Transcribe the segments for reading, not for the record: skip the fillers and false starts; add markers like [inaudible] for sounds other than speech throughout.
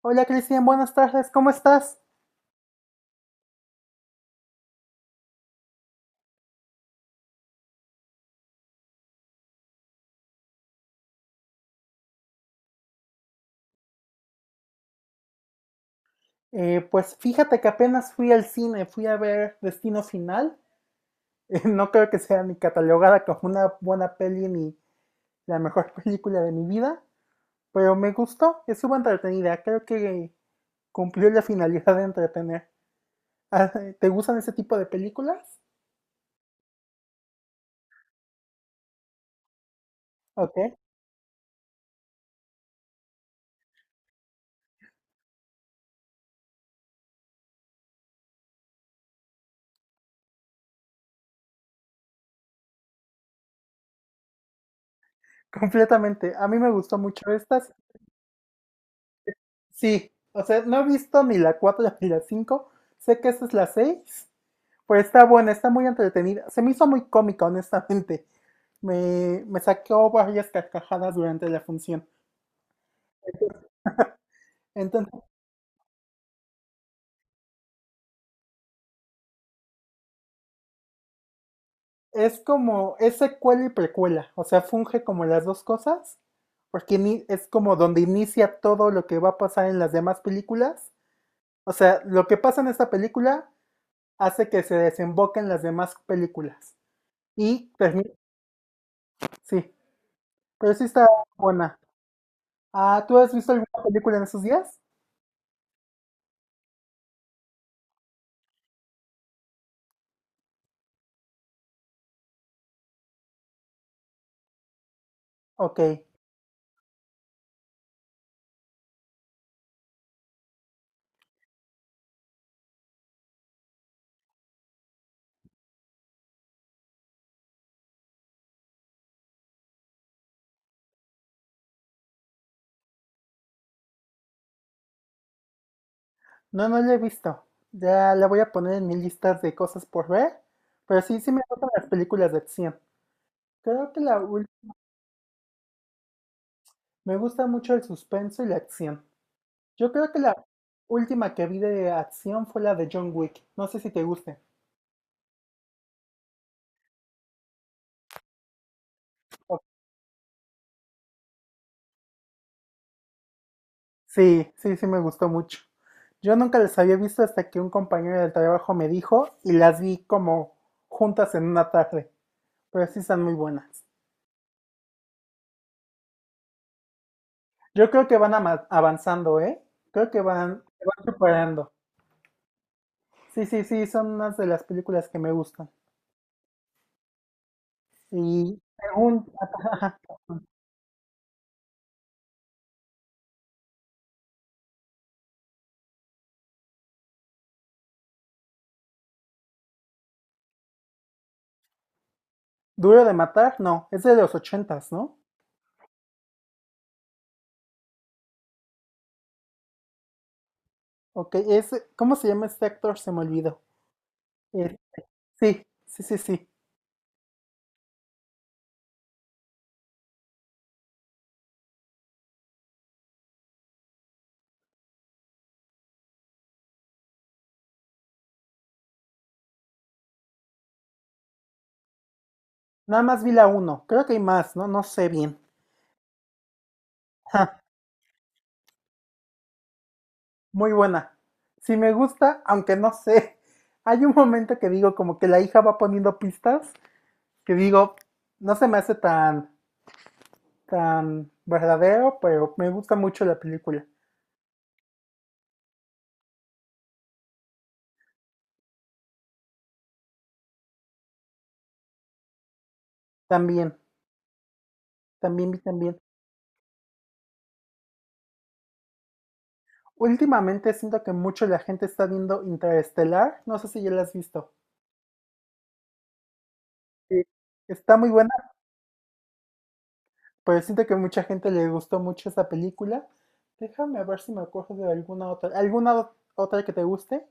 Hola Cristian, buenas tardes, ¿cómo estás? Pues fíjate que apenas fui al cine, fui a ver Destino Final. [laughs] No creo que sea ni catalogada como una buena peli ni la mejor [laughs] película de mi vida, pero me gustó, estuvo entretenida, creo que cumplió la finalidad de entretener. Ah, [laughs] ¿Te gustan ese tipo de películas? Ok, completamente. A mí me gustó mucho estas. Sí, o sea, no he visto ni la 4 [laughs] ni la 5. Sé que esta es la 6. Pues está buena, está muy entretenida. Se me hizo muy cómica, honestamente. Me sacó varias carcajadas durante la función. Entonces, es como, es secuela y precuela. O sea, funge como las dos cosas. Porque es como donde inicia todo lo que va a pasar en las demás películas. O sea, lo que pasa en esta película hace que se desemboque en las demás películas. Y termina, sí. Pero sí está buena. Ah, ¿tú has visto alguna película en esos días? Ok. No, no la he visto. Ya la voy a poner en mi lista de cosas por ver. Pero sí, sí me gustan las películas de acción. Creo que la me gusta mucho el suspenso y la acción. Yo creo que la última que vi de acción fue la de John Wick. No sé si te guste. O- Sí, sí, sí me gustó mucho. Yo nunca las había visto hasta que un compañero del trabajo me dijo y las vi como juntas en una tarde. Pero sí están muy buenas. Yo creo que van avanzando, ¿eh? Creo que van, se van superando. Sí, sí, sí, son unas de las películas que me gustan. Y según [laughs] Duro de matar, no, es de los ochentas, ¿no? Ok, es, ¿cómo se llama este actor? Se me olvidó. Eh, sí, sí, sí, sí. Nada más vi la uno, creo que hay más, ¿no? No sé bien. Ja, muy buena. Sí me gusta, aunque no sé. [laughs] Hay un momento que digo como que la hija va poniendo pistas, que digo, no se me hace tan, tan verdadero, pero me gusta mucho la película. También, también vi también. Últimamente siento que mucho la gente está viendo Interestelar, no sé si ya la has visto. Sí. Está muy buena, pero siento que mucha gente le gustó mucho esa película. Déjame ver si me acuerdo de alguna otra. ¿Alguna otra que te guste?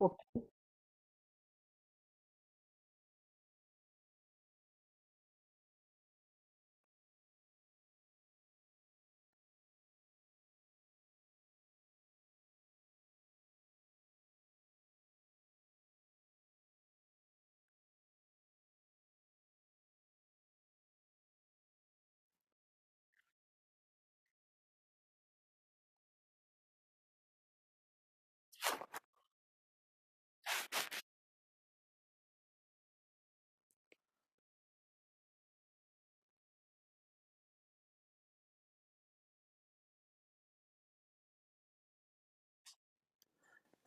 O-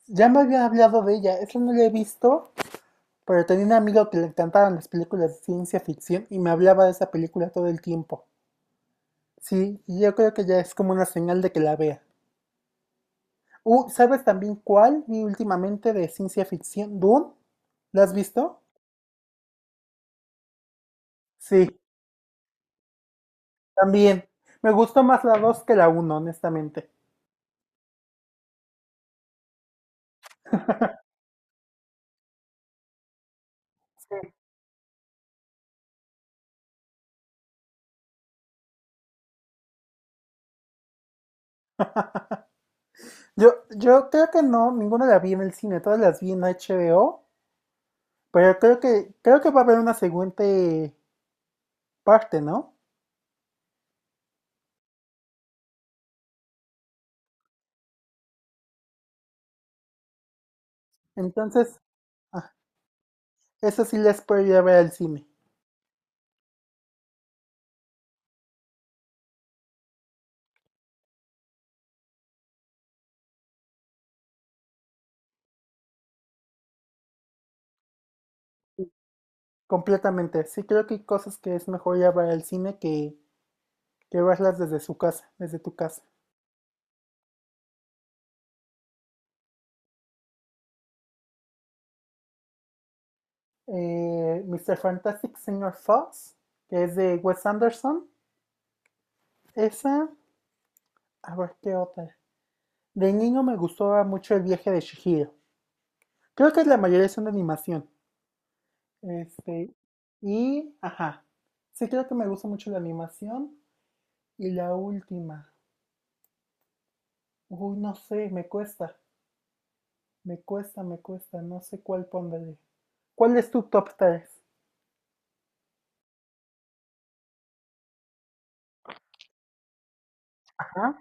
Ya me había hablado de ella, esa no la he visto, pero tenía un amigo que le encantaban las películas de ciencia ficción y me hablaba de esa película todo el tiempo. Sí, y yo creo que ya es como una señal de que la vea. ¿Sabes también cuál vi últimamente de ciencia ficción? Dune. ¿La has visto? Sí, también. Me gustó más la 2 que la uno, honestamente. Sí. Yo creo que no, ninguna la vi en el cine, todas las vi en HBO, pero creo que va a haber una siguiente parte, ¿no? Entonces, ah, eso sí les puedo ir a ver al cine, completamente. Sí creo que hay cosas que es mejor ir a ver al cine que verlas desde su casa, desde tu casa. Mr. Fantastic señor Fox, que es de Wes Anderson. Esa, a ver qué otra. De niño me gustaba mucho el viaje de Chihiro. Creo que la mayoría son de animación. Este, y, ajá. Sí, creo que me gusta mucho la animación. Y la última. Uy, no sé, me cuesta. Me cuesta, me cuesta. No sé cuál pondré. ¿Cuál es tu top 3? Ajá.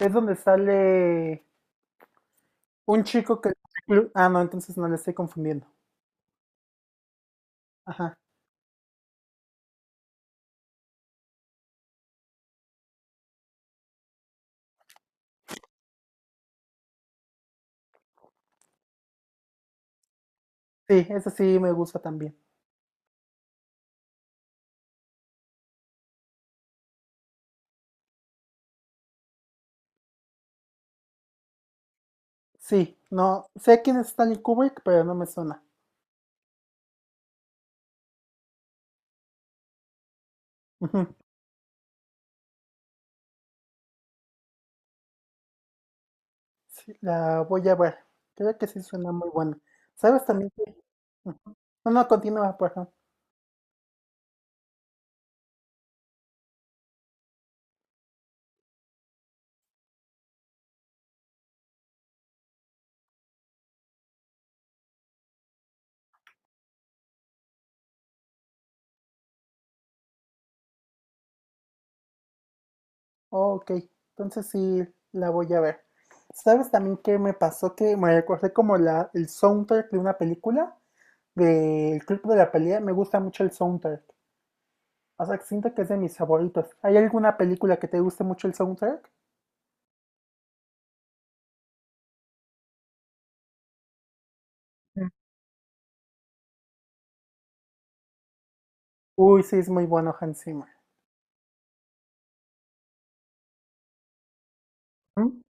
Es donde sale un chico que... Ah, no, entonces no le estoy confundiendo. Ajá. Sí, ese sí me gusta también. Sí, no. Sé quién es Stanley Kubrick, pero no me suena. Ujú. Sí, la voy a ver. Creo que sí suena muy buena. ¿Sabes también que... Ujú. No, no, continúa, perdón. Oh, ok, entonces sí la voy a ver. ¿Sabes también qué me pasó? Que me recordé como la, el soundtrack de una película, del Club de la Pelea. Me gusta mucho el soundtrack. O sea, que siento que es de mis favoritos. ¿Hay alguna película que te guste mucho el soundtrack? Mm. Uy, sí, es muy bueno Hans Zimmer. Ujú.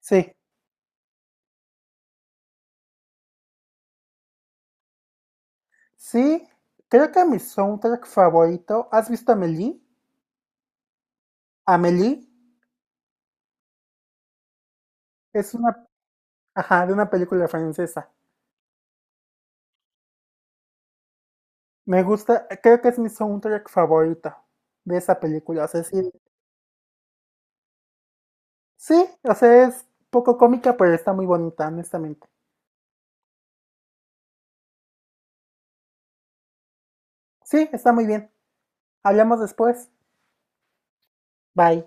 Sí, sí, creo que mi soundtrack favorito. ¿Has visto Amélie? Amélie. Es una, ajá, de una película francesa. Me gusta, creo que es mi soundtrack favorito de esa película. O sea, sí, sí, o sea, es poco cómica, pero está muy bonita, honestamente. Sí, está muy bien. Hablamos después. Bye.